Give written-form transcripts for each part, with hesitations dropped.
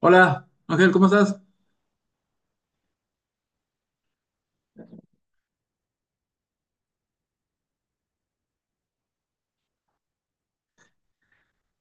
Hola, Ángel, ¿cómo estás?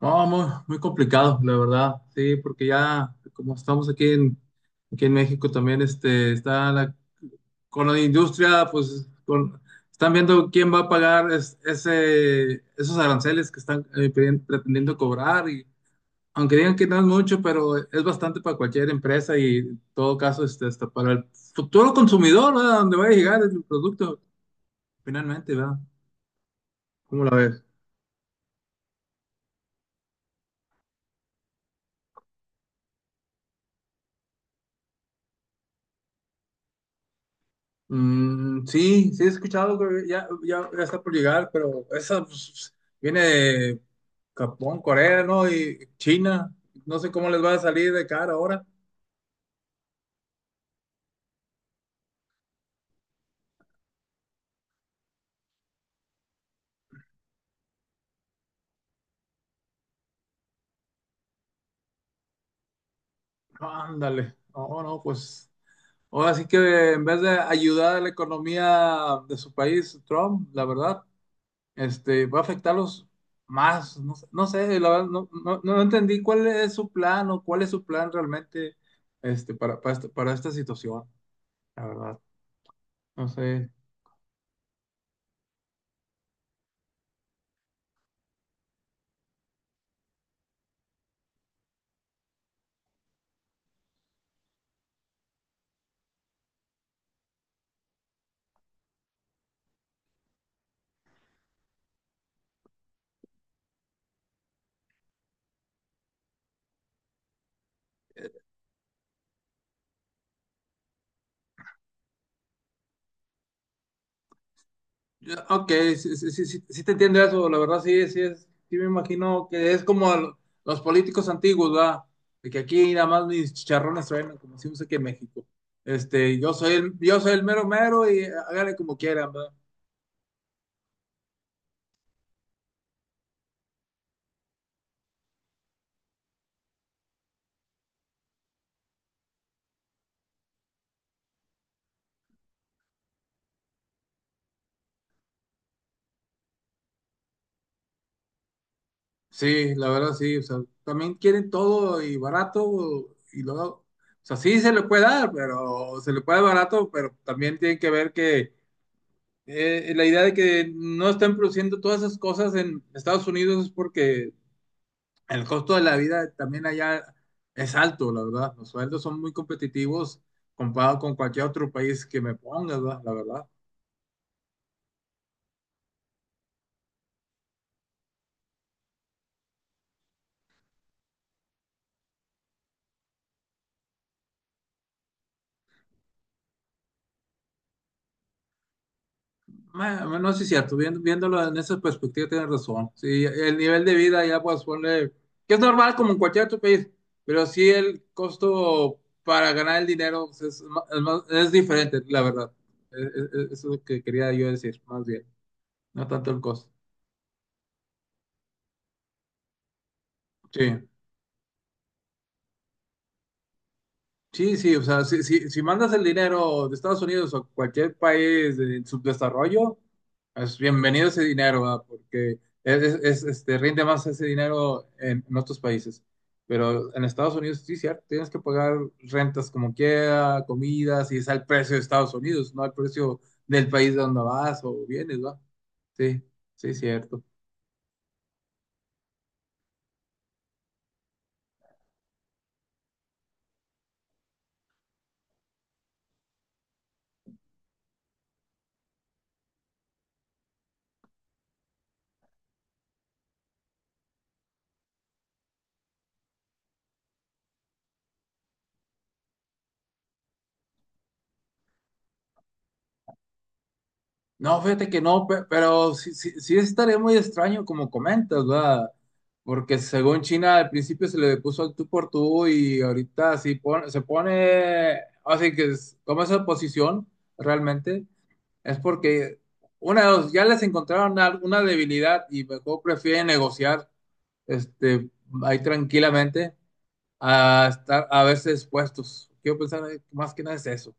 No, muy complicado, la verdad, sí, porque ya, como estamos aquí en México también, está la, con la industria, pues, con, están viendo quién va a pagar ese, esos aranceles que están pretendiendo cobrar, y aunque digan que no es mucho, pero es bastante para cualquier empresa y en todo caso, hasta para el futuro consumidor, ¿verdad? Donde va a llegar el producto, finalmente, ¿verdad? ¿Cómo la ves? Mm, sí, sí he escuchado, creo que ya está por llegar, pero esa pues, viene de Japón, Corea, ¿no? Y China. No sé cómo les va a salir de cara ahora. Ándale. No, no, pues. Ahora sí que en vez de ayudar a la economía de su país, Trump, la verdad, va a afectarlos más. No sé, la verdad, no entendí cuál es su plan o cuál es su plan realmente para, para esta situación, la verdad. No sé. Ya, ok, sí, sí, sí, sí, sí te entiendo eso, la verdad sí, sí es, sí me imagino que es como los políticos antiguos, ¿verdad? De que aquí nada más mis chicharrones suenan, como decimos aquí en México. Yo soy el mero mero y hágale como quieran, ¿verdad? Sí, la verdad sí, o sea, también quieren todo y barato y luego, o sea, sí se le puede dar, pero se le puede dar barato, pero también tienen que ver que la idea de que no están produciendo todas esas cosas en Estados Unidos es porque el costo de la vida también allá es alto, la verdad. Los sueldos son muy competitivos comparado con cualquier otro país que me ponga, ¿verdad?, la verdad. Bueno, no, sí es cierto, viéndolo en esa perspectiva tienes razón. Sí, el nivel de vida allá pues ponle, que es normal como en cualquier otro país, pero sí el costo para ganar el dinero pues, es, es diferente, la verdad. Eso es lo que quería yo decir, más bien, no tanto el costo. Sí. Sí, sí, o sea, si mandas el dinero de Estados Unidos o cualquier país en subdesarrollo, es bienvenido ese dinero, ¿verdad? Porque es, es, rinde más ese dinero en otros países. Pero en Estados Unidos, sí, cierto, tienes que pagar rentas como quiera, comidas, y es al precio de Estados Unidos, no al precio del país de donde vas o vienes, ¿verdad? Sí, sí, cierto. No, fíjate que no, pero sí, sí estaría muy extraño como comentas, ¿verdad? Porque según China al principio se le puso al tú por tú y ahorita sí se pone, así que toma esa posición realmente, es porque una de dos, ya les encontraron alguna debilidad y mejor prefieren negociar este, ahí tranquilamente a estar a verse expuestos. Quiero pensar más que nada es eso.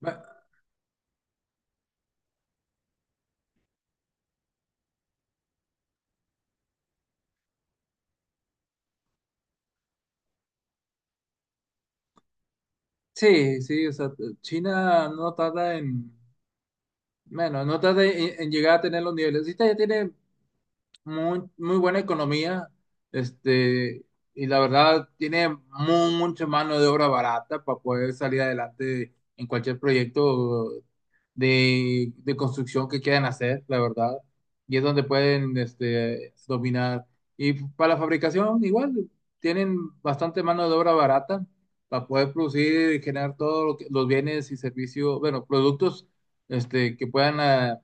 Ma- Sí, sí, o sea, China no tarda en... Bueno, no tarde en llegar a tener los niveles. Si usted ya tiene muy buena economía, este, y la verdad tiene mucha mano de obra barata para poder salir adelante en cualquier proyecto de construcción que quieran hacer, la verdad. Y es donde pueden, dominar. Y para la fabricación, igual, tienen bastante mano de obra barata para poder producir y generar todos los bienes y servicios, bueno, productos, que puedan...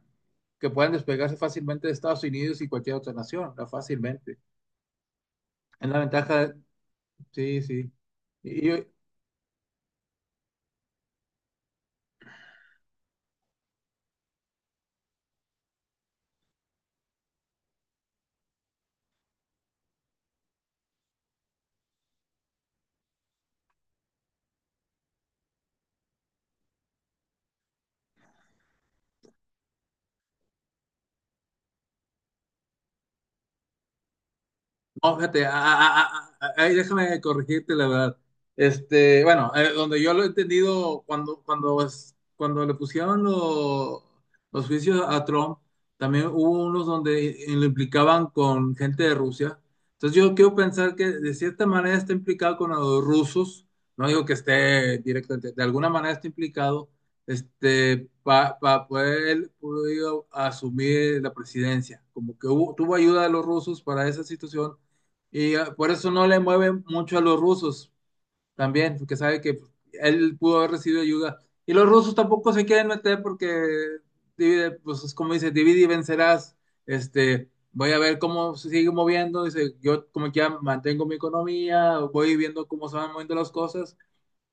que puedan despegarse fácilmente de Estados Unidos y cualquier otra nación, ¿no?, fácilmente. Es la ventaja, sí, sí. Y, no, fíjate, ahí déjame corregirte la verdad. Bueno, donde yo lo he entendido, cuando le pusieron los juicios a Trump, también hubo unos donde lo implicaban con gente de Rusia. Entonces yo quiero pensar que de cierta manera está implicado con los rusos, no digo que esté directamente, de alguna manera está implicado, para poder él pudo asumir la presidencia. Como que hubo, tuvo ayuda de los rusos para esa situación y por eso no le mueve mucho a los rusos también, porque sabe que él pudo haber recibido ayuda. Y los rusos tampoco se quieren meter porque, divide, pues es como dice, divide y vencerás. Voy a ver cómo se sigue moviendo. Dice, yo como que ya mantengo mi economía, voy viendo cómo se van moviendo las cosas.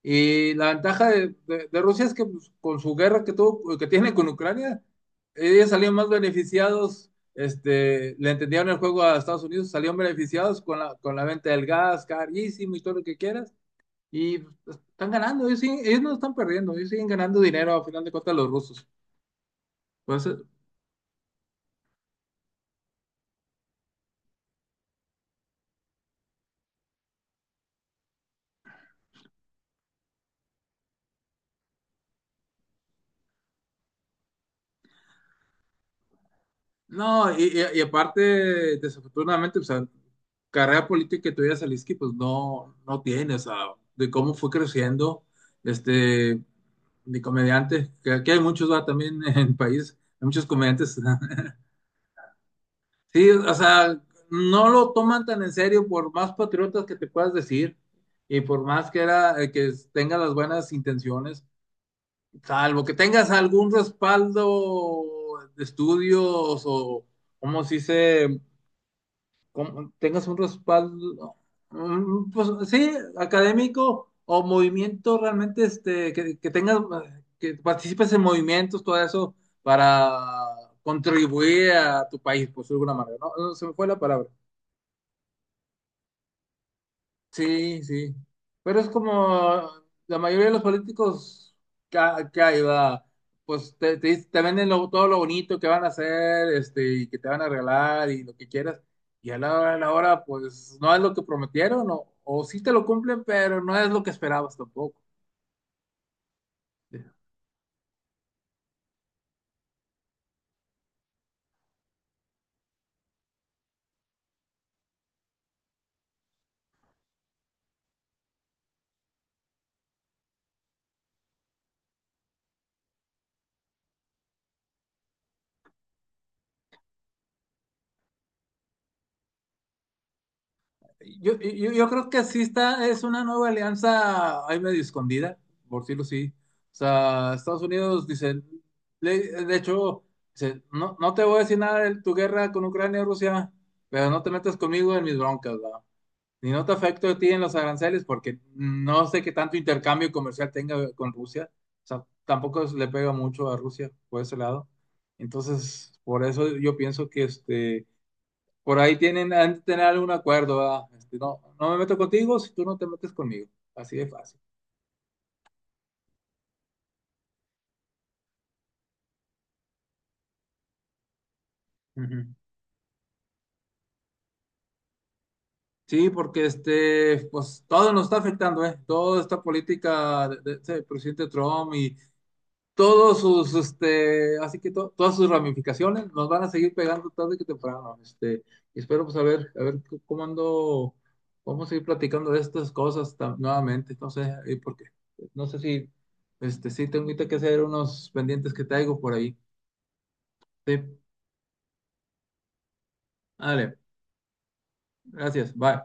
Y la ventaja de Rusia es que pues, con su guerra que tuvo, que tiene con Ucrania, ellos salían más beneficiados, le entendieron el juego a Estados Unidos, salieron beneficiados con la venta del gas, carísimo y todo lo que quieras, y pues, están ganando, ellos, ellos no están perdiendo, ellos siguen ganando dinero a final de cuentas los rusos. Pues, no, y aparte, desafortunadamente, o sea, carrera política que tuviera Zelensky, pues no, no tiene, o sea, de cómo fue creciendo, este, de comediante que aquí hay muchos, va, también en el país, hay muchos comediantes, sí, o sea, no lo toman tan en serio por más patriotas que te puedas decir y por más que era, que tenga las buenas intenciones, salvo que tengas algún respaldo de estudios o, como se dice? Como tengas un respaldo, mm, pues sí, académico o movimiento realmente, que tengas, que participes en movimientos, todo eso, para contribuir a tu país, por de alguna manera, ¿no? No, se me fue la palabra. Sí, sí. Pero es como la mayoría de los políticos que, que hay, va, pues te venden todo lo bonito que van a hacer, y que te van a regalar y lo que quieras. Y a la hora, pues no es lo que prometieron, o sí te lo cumplen, pero no es lo que esperabas tampoco. Yo creo que sí está, es una nueva alianza ahí medio escondida, por decirlo así. O sea, Estados Unidos dice, de hecho, dice, no, no te voy a decir nada de tu guerra con Ucrania y Rusia, pero no te metas conmigo en mis broncas, ¿va? Ni no te afecto a ti en los aranceles porque no sé qué tanto intercambio comercial tenga con Rusia. O sea, tampoco le pega mucho a Rusia por ese lado. Entonces, por eso yo pienso que este por ahí tienen, han de tener algún acuerdo, ¿verdad? No, no me meto contigo si tú no te metes conmigo. Así de fácil. Ujú. Sí, porque pues todo nos está afectando, ¿eh? Toda esta política del presidente Trump y todos sus, así que todas sus ramificaciones nos van a seguir pegando tarde que temprano. Y espero pues a ver cómo ando, vamos a seguir platicando de estas cosas nuevamente. No sé, ¿y por qué? No sé si, sí tengo ahorita que hacer unos pendientes que traigo por ahí. Sí, dale, gracias, bye.